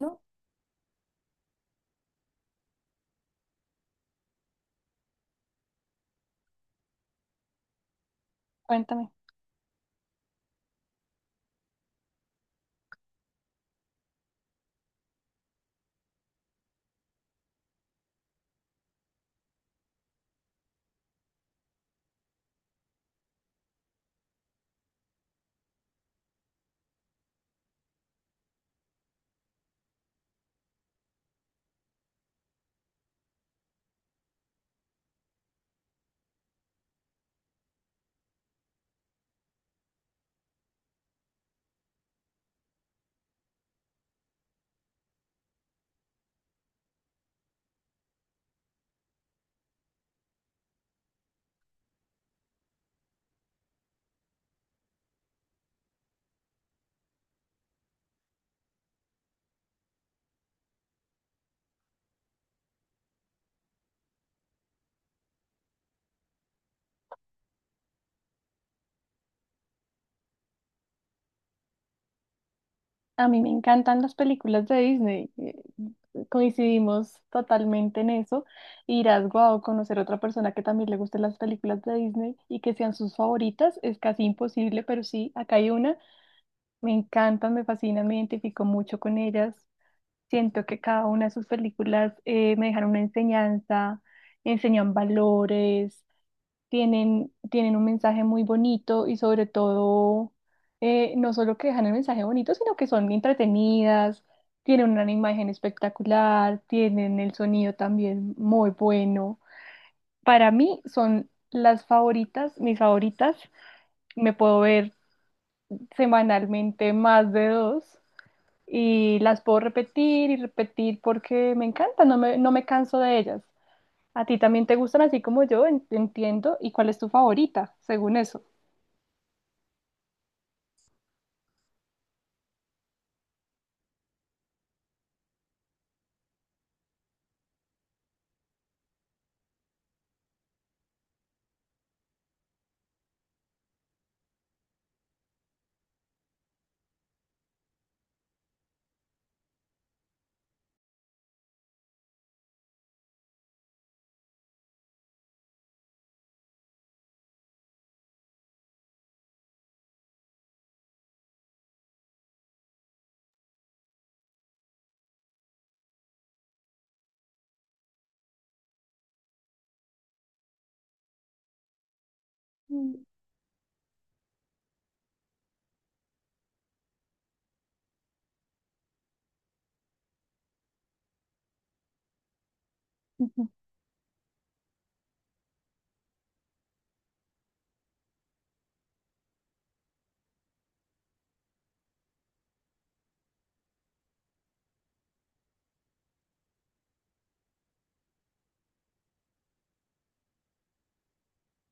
No, cuéntame. A mí me encantan las películas de Disney. Coincidimos totalmente en eso. Irás, guau, conocer a otra persona que también le gusten las películas de Disney y que sean sus favoritas es casi imposible, pero sí, acá hay una. Me encantan, me fascinan, me identifico mucho con ellas. Siento que cada una de sus películas me dejaron una enseñanza, enseñan valores. Tienen un mensaje muy bonito y sobre todo, no solo que dejan el mensaje bonito, sino que son entretenidas, tienen una imagen espectacular, tienen el sonido también muy bueno. Para mí son las favoritas, mis favoritas. Me puedo ver semanalmente más de dos y las puedo repetir y repetir porque me encantan, no me canso de ellas. ¿A ti también te gustan así como yo? Entiendo. ¿Y cuál es tu favorita, según eso? Mm. Ujú.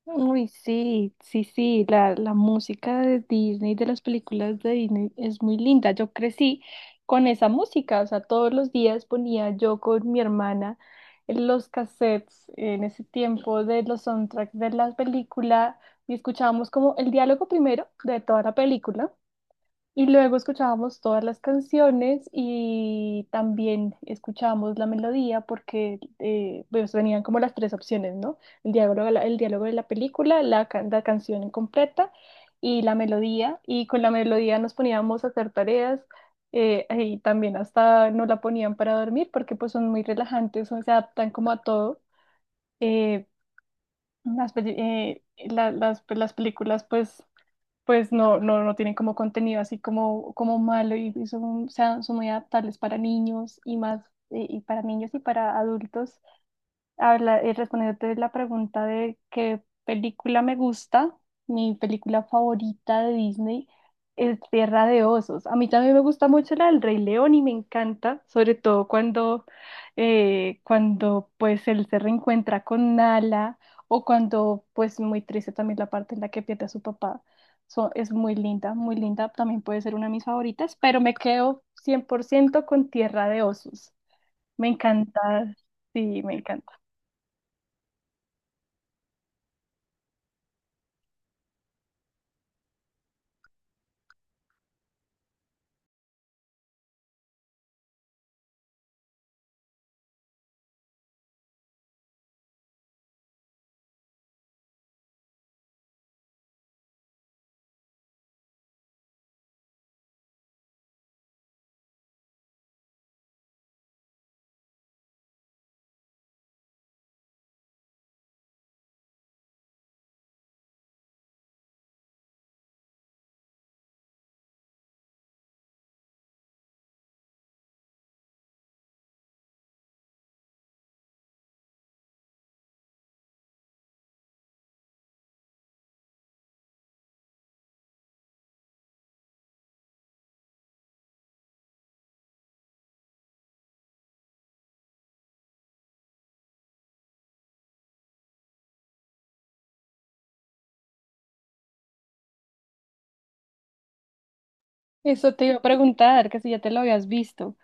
Uy, sí, sí, sí, la música de Disney, de las películas de Disney es muy linda. Yo crecí con esa música, o sea, todos los días ponía yo con mi hermana los cassettes en ese tiempo de los soundtracks de la película y escuchábamos como el diálogo primero de toda la película. Y luego escuchábamos todas las canciones y también escuchábamos la melodía porque pues venían como las tres opciones, ¿no? El diálogo, el diálogo de la película, la canción completa y la melodía. Y con la melodía nos poníamos a hacer tareas, y también hasta nos la ponían para dormir porque pues son muy relajantes, se adaptan como a todo. Eh, las, peli- la- las, pues, las películas pues no, no, no tienen como contenido así como, como malo y son, o sea, son muy adaptables para niños y más, y para niños y para adultos. Habla, respondiéndote la pregunta de qué película me gusta, mi película favorita de Disney es Tierra de Osos. A mí también me gusta mucho la del Rey León y me encanta, sobre todo cuando pues él se reencuentra con Nala o cuando pues muy triste también la parte en la que pierde a su papá. Es muy linda, también puede ser una de mis favoritas, pero me quedo 100% con Tierra de Osos. Me encanta, sí, me encanta. Eso te iba a preguntar, que si ya te lo habías visto.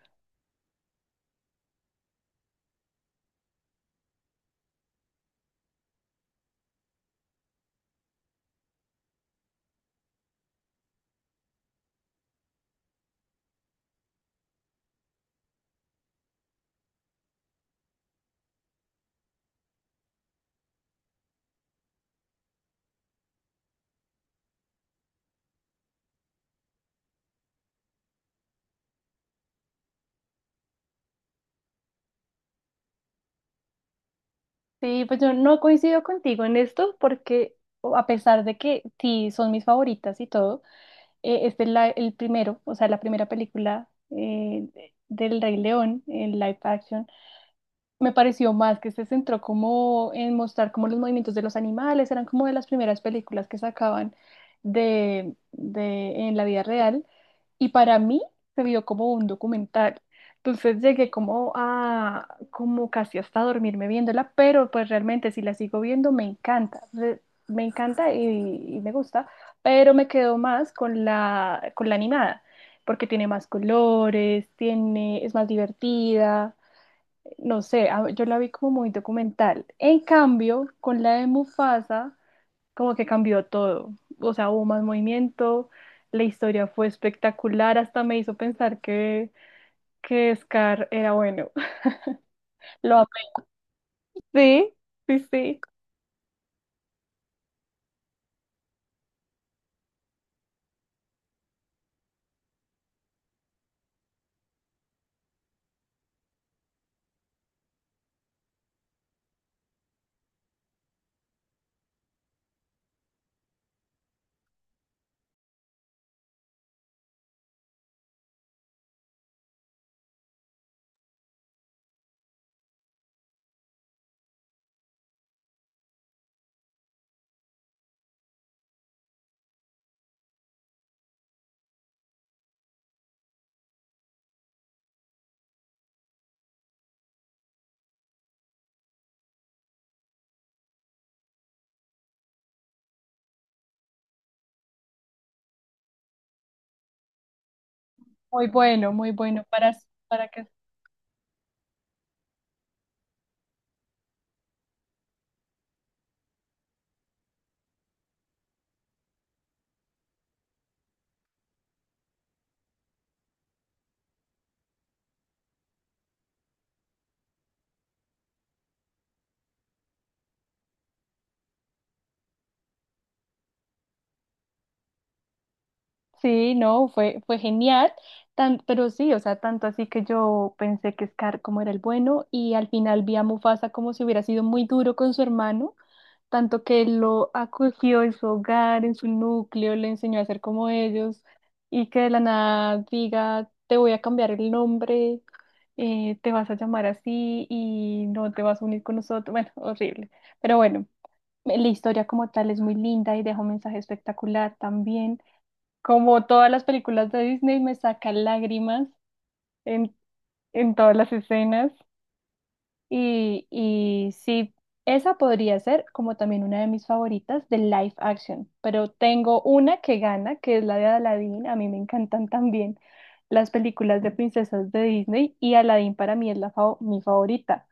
Sí, pues yo no coincido contigo en esto porque, o- a pesar de que sí son mis favoritas y todo, este es el primero, o sea, la primera película, del Rey León en live action. Me pareció más que se centró como en mostrar como los movimientos de los animales, eran como de las primeras películas que sacaban de en la vida real y para mí se vio como un documental. Entonces llegué como a, como casi hasta dormirme viéndola, pero pues realmente si la sigo viendo me encanta, me encanta y me gusta, pero me quedo más con la animada, porque tiene más colores, tiene, es más divertida, no sé, a- yo la vi como muy documental. En cambio, con la de Mufasa como que cambió todo. O sea, hubo más movimiento, la historia fue espectacular, hasta me hizo pensar que Scar era bueno. Lo amé. Sí, sí, sí. Muy bueno, muy bueno para que... Sí, no, fue genial. Tan, pero sí, o sea, tanto así que yo pensé que Scar como era el bueno y al final vi a Mufasa como si hubiera sido muy duro con su hermano tanto que él lo acogió en su hogar, en su núcleo, le enseñó a ser como ellos, y que de la nada diga, te voy a cambiar el nombre, te vas a llamar así y no te vas a unir con nosotros. Bueno, horrible. Pero bueno, la historia como tal es muy linda y deja un mensaje espectacular también. Como todas las películas de Disney, me saca lágrimas en, en todas las escenas. Y sí, esa podría ser como también una de mis favoritas de live action, pero tengo una que gana, que es la de Aladdin. A mí me encantan también las películas de princesas de Disney y Aladdin para mí es mi favorita.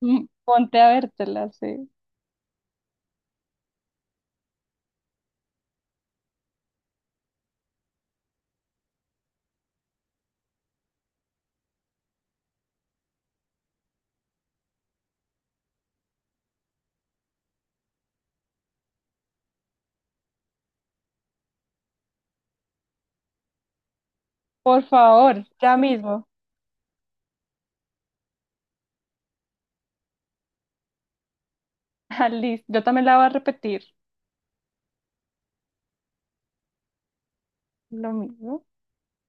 Mm. Ponte a vértela, sí. Por favor, ya mismo. Ah, listo, yo también la voy a repetir. Lo mismo.